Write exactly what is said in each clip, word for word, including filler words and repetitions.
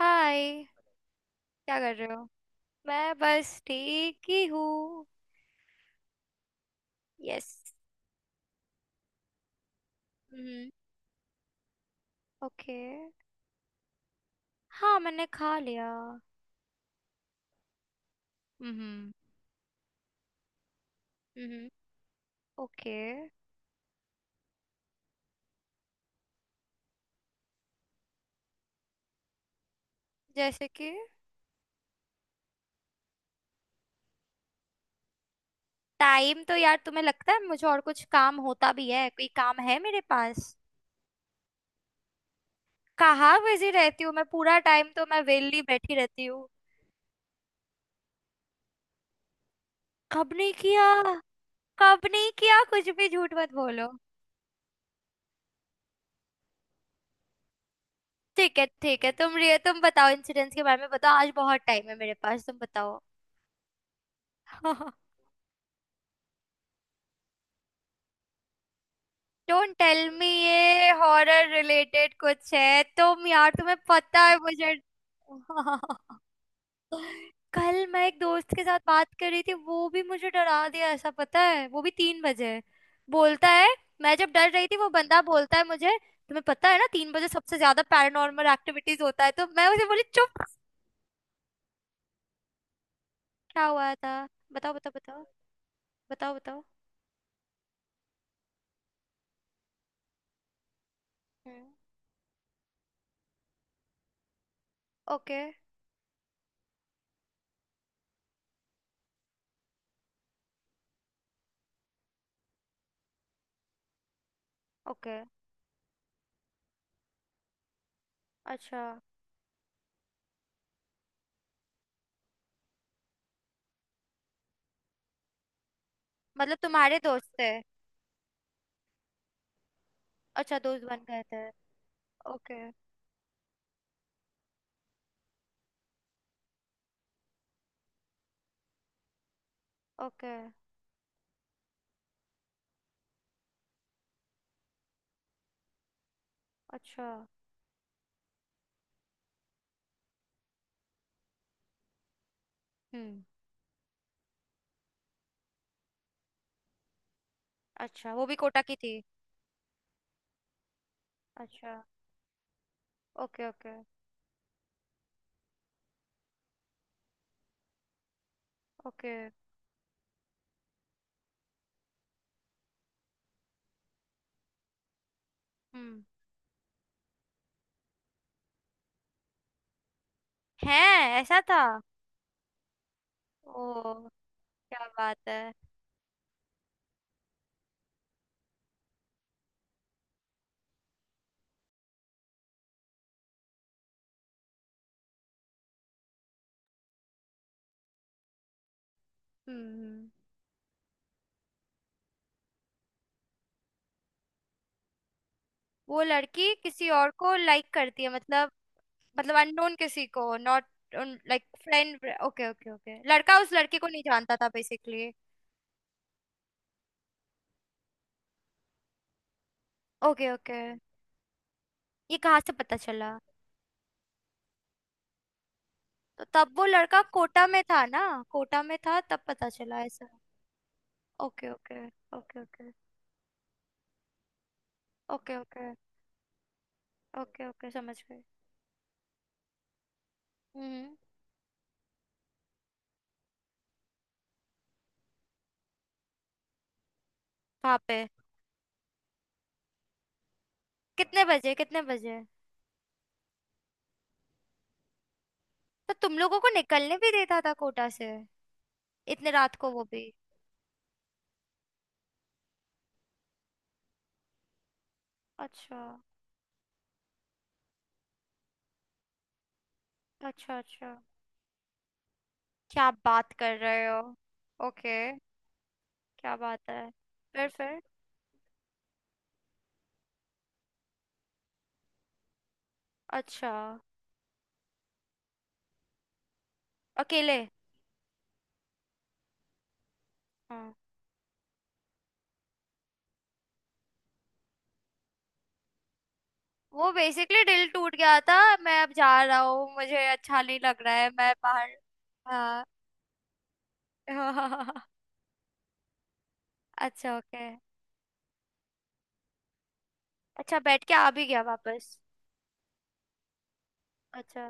हाय। क्या कर रहे हो? मैं बस ठीक ही हूँ। यस। हम्म। ओके। हाँ मैंने खा लिया। हम्म। हम्म। ओके। जैसे कि? टाइम तो, यार, तुम्हें लगता है मुझे और कुछ काम होता भी है? कोई काम है मेरे पास? कहाँ बिजी रहती हूँ मैं? पूरा टाइम तो मैं वेली बैठी रहती हूँ। कब नहीं किया? कब नहीं किया? कुछ भी झूठ मत बोलो। ठीक है ठीक है, तुम रिय तुम बताओ, इंसिडेंट्स के बारे में बताओ, आज बहुत टाइम है मेरे पास, तुम बताओ। डोंट टेल मी, ये हॉरर रिलेटेड कुछ है? तुम, यार, तुम्हें पता है मुझे। कल मैं एक दोस्त के साथ बात कर रही थी, वो भी मुझे डरा दिया ऐसा, पता है, वो भी तीन बजे बोलता है। मैं जब डर रही थी, वो बंदा बोलता है मुझे, तुम्हें पता है ना तीन बजे सबसे ज्यादा पैरानॉर्मल एक्टिविटीज होता है, तो मैं उसे बोली चुप। क्या हुआ था? बताओ बताओ बताओ। बताओ बताओ। हम्म। ओके। ओके। अच्छा। मतलब तुम्हारे दोस्त थे? अच्छा, दोस्त बन गए थे। ओके। ओके। अच्छा। हम्म। अच्छा, वो भी कोटा की थी? अच्छा। Okay okay. ओके। हम्म। है। ऐसा था। ओ, क्या बात है! हम्म। वो लड़की किसी और को लाइक करती है, मतलब? मतलब अननोन किसी को, not like friend? Okay okay okay, लड़का उस लड़की को नहीं जानता था बेसिकली। Okay okay. ये कहाँ से पता चला? तो तब वो लड़का कोटा में था ना? कोटा में था तब पता चला ऐसा? Okay okay okay okay. Okay okay. Okay okay, समझ गई। हम्म। वहां पे? कितने बजे कितने बजे? तो तुम लोगों को निकलने भी देता था कोटा से? इतने रात को, वो भी? अच्छा। अच्छा अच्छा। क्या बात कर रहे हो! ओके। क्या बात है! फिर फिर? अच्छा। अकेले? हाँ। वो बेसिकली दिल टूट गया था, मैं अब जा रहा हूँ, मुझे अच्छा नहीं लग रहा है, मैं बाहर। हाँ। अच्छा ओके। अच्छा, बैठ के आ भी गया वापस? अच्छा।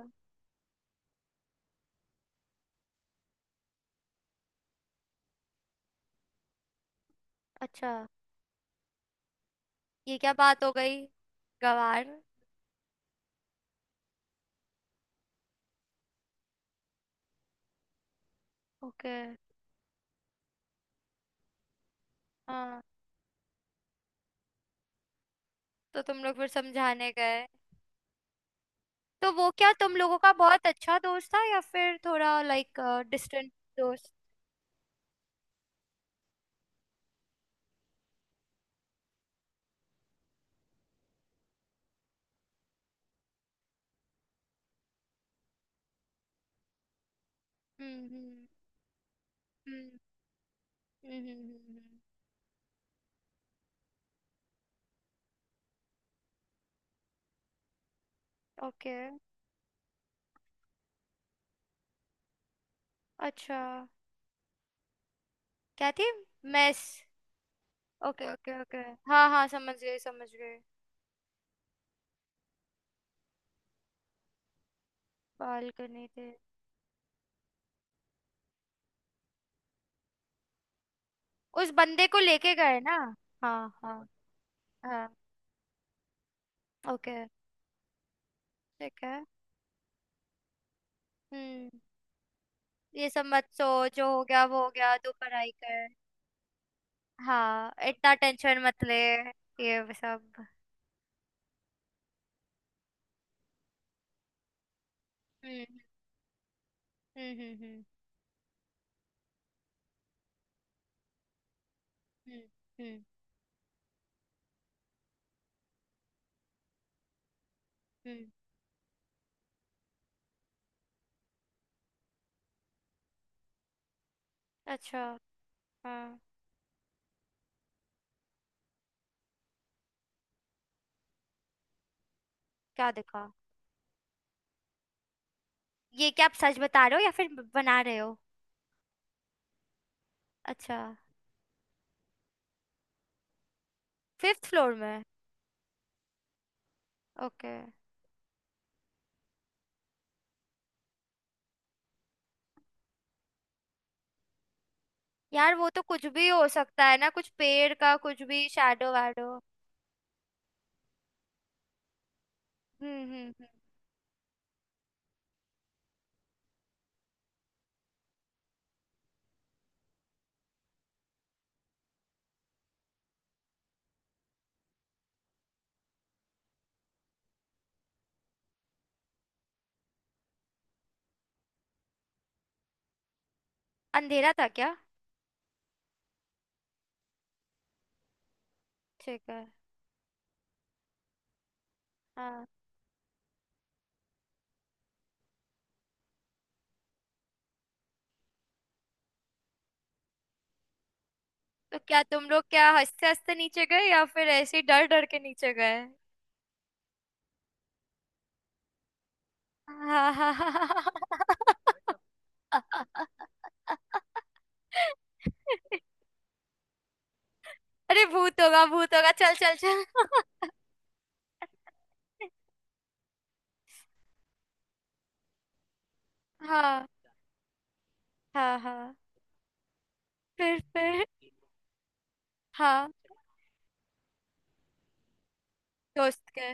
अच्छा। ये क्या बात हो गई! गवार। ओके। हाँ। तो तुम लोग फिर समझाने गए? तो वो क्या तुम लोगों का बहुत अच्छा दोस्त था या फिर थोड़ा लाइक डिस्टेंट दोस्त? हम्म हम्म। हम्म। हम्म। हम्म। ओके। अच्छा। क्या थी? मेस? Okay okay okay. हाँ हाँ, समझ गई समझ गई। बालकनी थे? उस बंदे को लेके गए ना? हाँ हाँ। हाँ। ओके। ठीक है। हम्म। ये सब मत सोच, जो हो गया वो हो गया, तू पढ़ाई कर। हाँ इतना टेंशन मत ले। ये सब। हम्म। हम्म हम्म हम्म। हम्म। हम्म। हम्म। अच्छा। हाँ। क्या दिखा? ये क्या, आप सच बता रहे हो या फिर ब- बना रहे हो? अच्छा। फिफ्थ फ्लोर में? ओके। यार वो तो कुछ भी हो सकता है ना, कुछ पेड़ का कुछ भी शैडो वैडो। हम्म हम्म हम्म। अंधेरा था क्या? ठीक है। हाँ। तो क्या तुम लोग क्या हंसते हंसते नीचे गए या फिर ऐसे ही डर डर के नीचे गए? अरे। भूत होगा भूत होगा, चल चल चल। हाँ। हाँ हाँ। फिर फिर? हाँ। दोस्त के?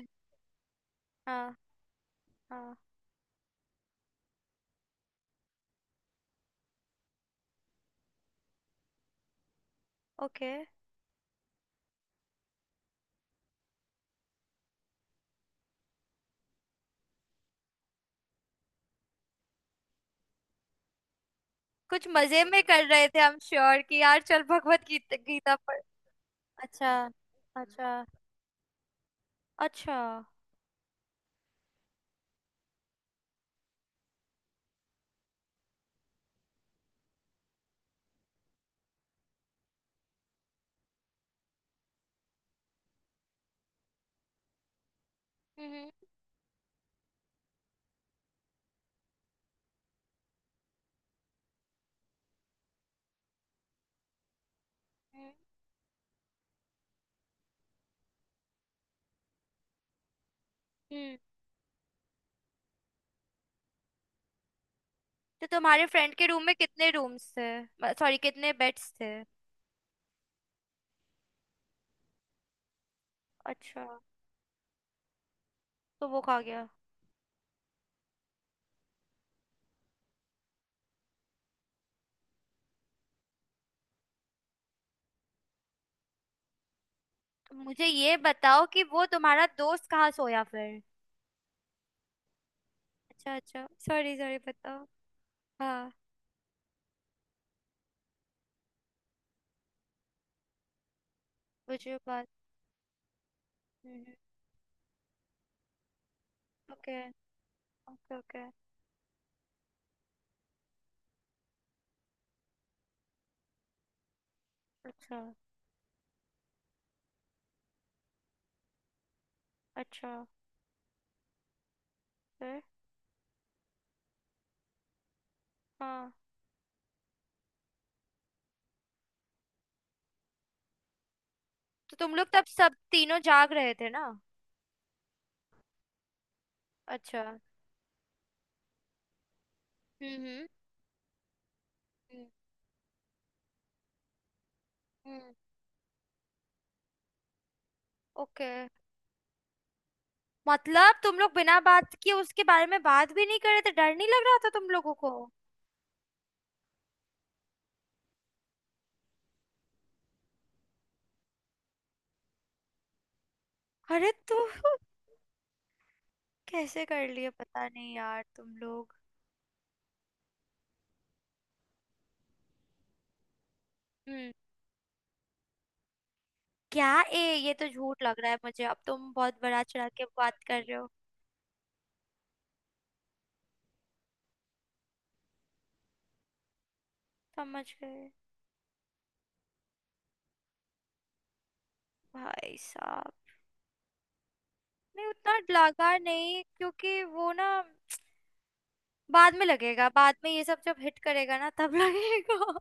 हाँ। हाँ। ओके। कुछ मजे में कर रहे थे हम श्योर, कि यार चल भगवत गीता गीता पढ़। अच्छा। अच्छा। अच्छा हम्म। हम्म। हम्म। हम्म। तो तुम्हारे फ्रेंड के रूम में कितने रूम्स थे, सॉरी कितने बेड्स थे? अच्छा। तो वो खा गया? तो मुझे ये बताओ कि वो तुम्हारा दोस्त कहाँ सोया फिर? अच्छा अच्छा, सॉरी सॉरी, बताओ। हाँ। मुझे बात। ओके। Okay okay. अच्छा। अच्छा। फिर? हाँ। तो तुम लोग तब सब तीनों जाग रहे थे ना? अच्छा हम्म। हम्म। हम्म। हम्म। ओके। मतलब तुम लोग बिना बात किए उसके बारे में बात भी नहीं कर रहे थे? डर नहीं लग रहा था तुम लोगों को? अरे तू कैसे कर लिए, पता नहीं यार तुम लोग। क्या? ए, ये तो झूठ लग रहा है मुझे, अब तुम बहुत बड़ा चढ़ा के बात कर रहे हो। समझ गए। भाई साहब। नहीं उतना लगा नहीं, क्योंकि वो ना बाद में लगेगा, बाद में ये सब जब हिट करेगा ना तब लगेगा।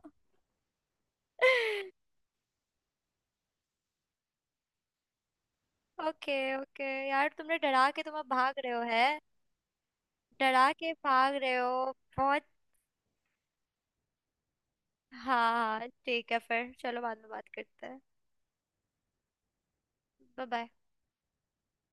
ओके ओके, यार तुमने डरा के तुम अब भाग रहे हो है। डरा के भाग रहे हो। बहुत। हाँ हाँ, ठीक है, फिर चलो बाद में बात करते हैं। Bye bye.